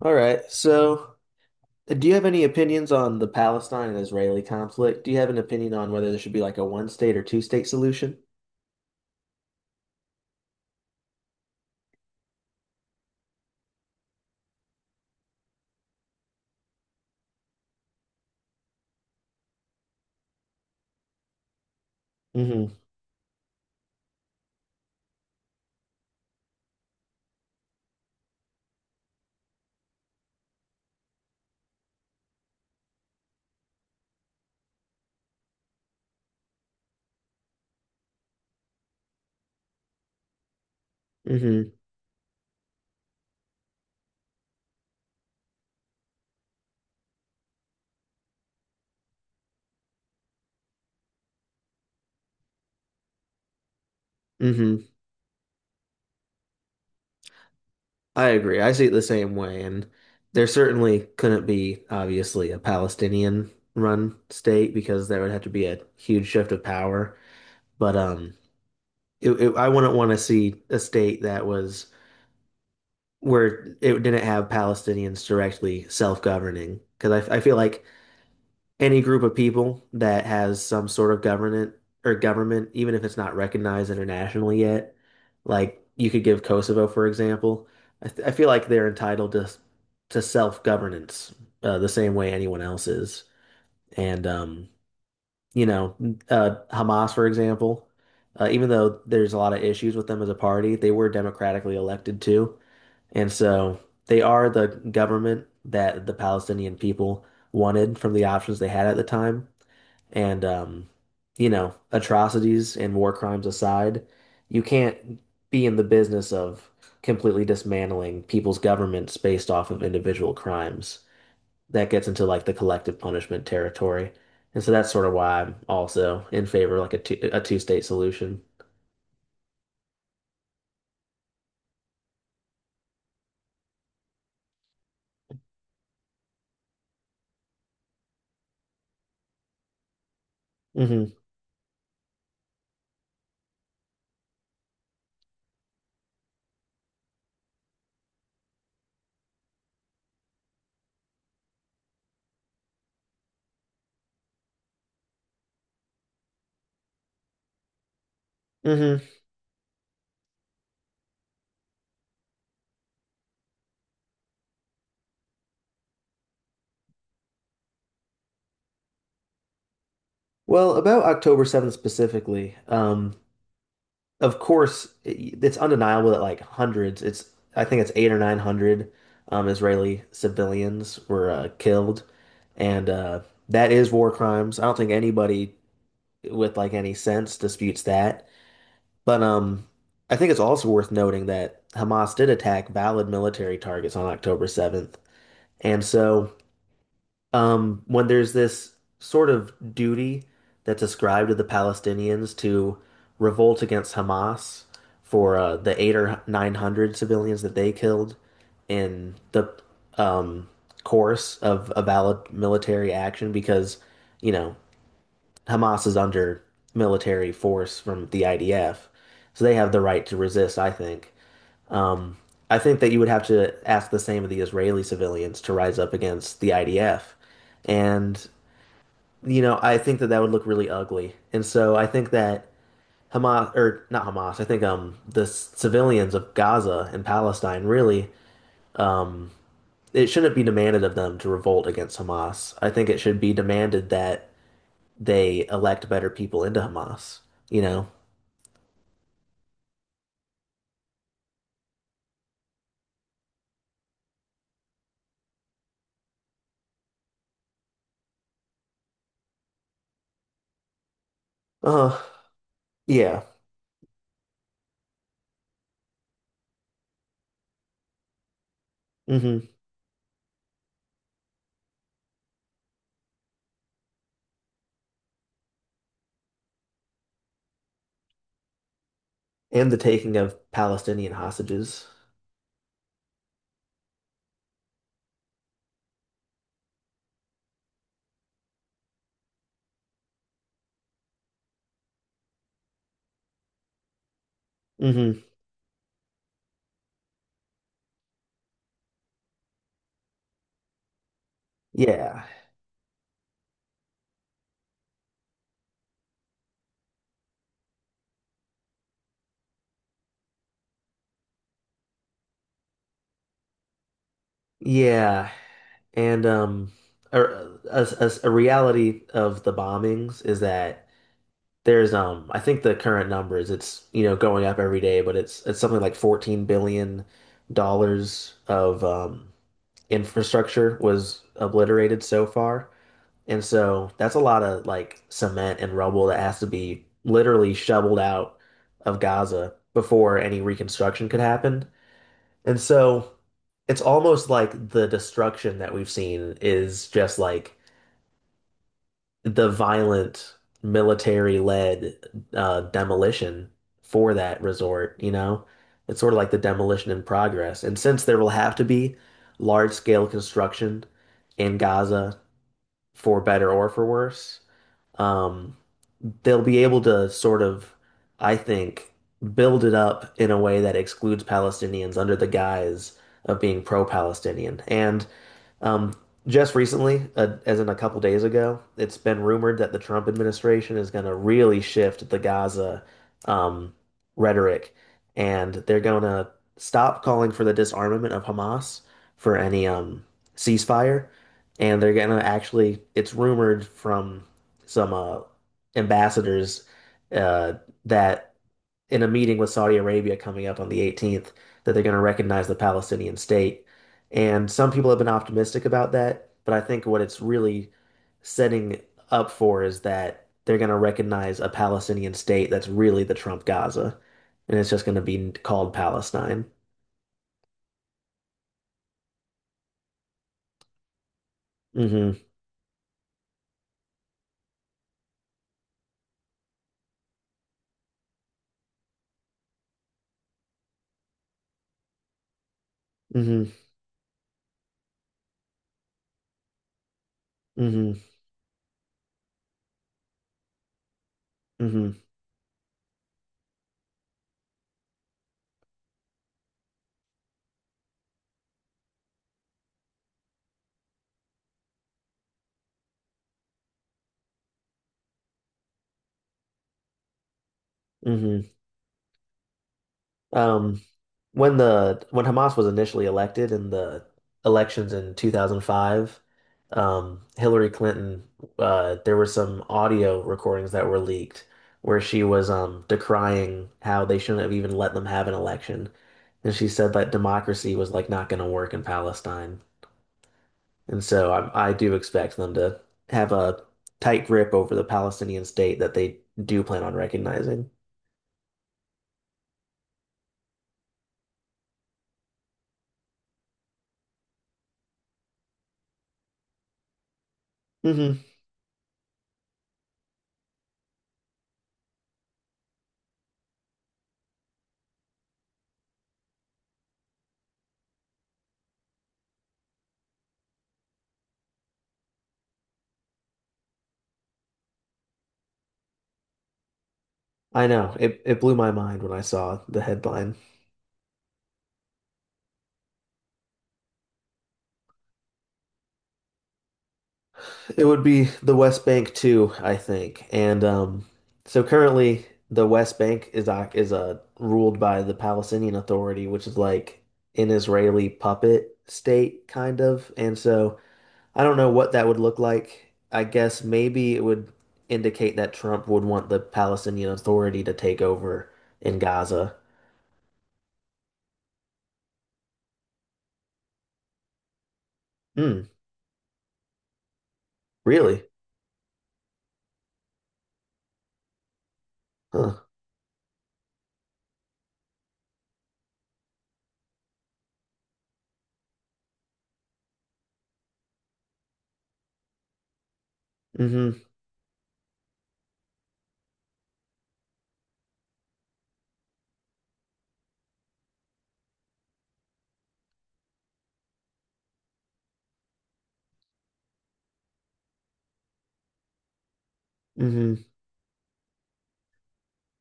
All right. So, do you have any opinions on the Palestine and Israeli conflict? Do you have an opinion on whether there should be like a one state or two state solution? Mm-hmm. Mm-hmm. Mm-hmm. I agree. I see it the same way. And there certainly couldn't be, obviously, a Palestinian run state because there would have to be a huge shift of power. But I wouldn't want to see a state that was where it didn't have Palestinians directly self-governing because I feel like any group of people that has some sort of government or government, even if it's not recognized internationally yet, like you could give Kosovo, for example, I feel like they're entitled to self-governance the same way anyone else is, and you know, Hamas, for example, even though there's a lot of issues with them as a party, they were democratically elected too. And so they are the government that the Palestinian people wanted from the options they had at the time. And atrocities and war crimes aside, you can't be in the business of completely dismantling people's governments based off of individual crimes that gets into like the collective punishment territory. And so that's sort of why I'm also in favor of like a two-state solution. Hmm hmm Well, about October 7th specifically, of course, it's undeniable that like hundreds, it's I think it's eight or nine hundred Israeli civilians were killed, and that is war crimes. I don't think anybody with like any sense disputes that. But I think it's also worth noting that Hamas did attack valid military targets on October 7th. And so when there's this sort of duty that's ascribed to the Palestinians to revolt against Hamas for the eight or 900 civilians that they killed in the um, course of a valid military action, because, you know, Hamas is under military force from the IDF, so they have the right to resist, I think. Um, I think that you would have to ask the same of the Israeli civilians to rise up against the IDF. And, you know, I think that that would look really ugly. And so I think that Hamas, or not Hamas, I think the civilians of Gaza and Palestine really, um, it shouldn't be demanded of them to revolt against Hamas. I think it should be demanded that they elect better people into Hamas. You know, Uh, yeah. hmm And the taking of Palestinian hostages. Hmm Yeah. Yeah. And a, a, a reality of the bombings is that there's I think the current number is it's going up every day, but it's something like 14 dollars of infrastructure was obliterated so far. And so that's a lot of like cement and rubble that has to be literally shoveled out of Gaza before any reconstruction could happen. And so it's almost like the destruction that we've seen is just like the violent military-led demolition for that resort, you know? It's sort of like the demolition in progress. And since there will have to be large-scale construction in Gaza for better or for worse, um, they'll be able to sort of, I think, build it up in a way that excludes Palestinians under the guise of being pro-Palestinian. And um, just recently, as in a couple days ago, it's been rumored that the Trump administration is going to really shift the Gaza um, rhetoric, and they're going to stop calling for the disarmament of Hamas for any ceasefire, and they're going to actually, it's rumored from some ambassadors uh, that in a meeting with Saudi Arabia coming up on the 18th that they're going to recognize the Palestinian state. And some people have been optimistic about that, but I think what it's really setting up for is that they're going to recognize a Palestinian state that's really the Trump Gaza, and it's just going to be called Palestine. Hmm hmm hmm hmm hmm Um, When the when Hamas was initially elected in the elections in 2005, Hillary Clinton, there were some audio recordings that were leaked where she was decrying how they shouldn't have even let them have an election, and she said that democracy was like not going to work in Palestine, and so I do expect them to have a tight grip over the Palestinian state that they do plan on recognizing. Hmm I know it blew my mind when I saw the headline. It would be the West Bank too, I think. And so currently, the West Bank is ruled by the Palestinian Authority, which is like an Israeli puppet state, kind of. And so I don't know what that would look like. I guess maybe it would indicate that Trump would want the Palestinian Authority to take over in Gaza. Hmm. Really? Huh. Mm-hmm. Mm-hmm.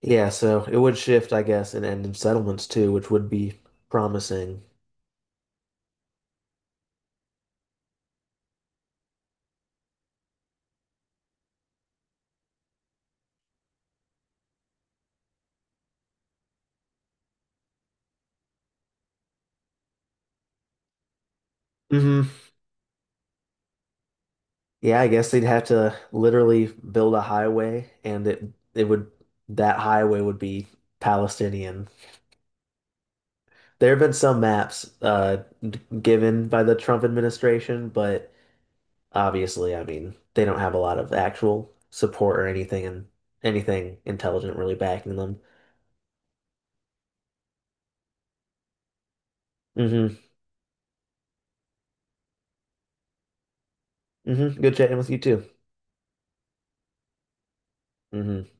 Yeah. So it would shift, I guess, and end in settlements too, which would be promising. Hmm Yeah, I guess they'd have to literally build a highway and it would that highway would be Palestinian. There have been some maps given by the Trump administration, but obviously, I mean, they don't have a lot of actual support or anything and anything intelligent really backing them. Hmm hmm Good chatting with you too. Hmm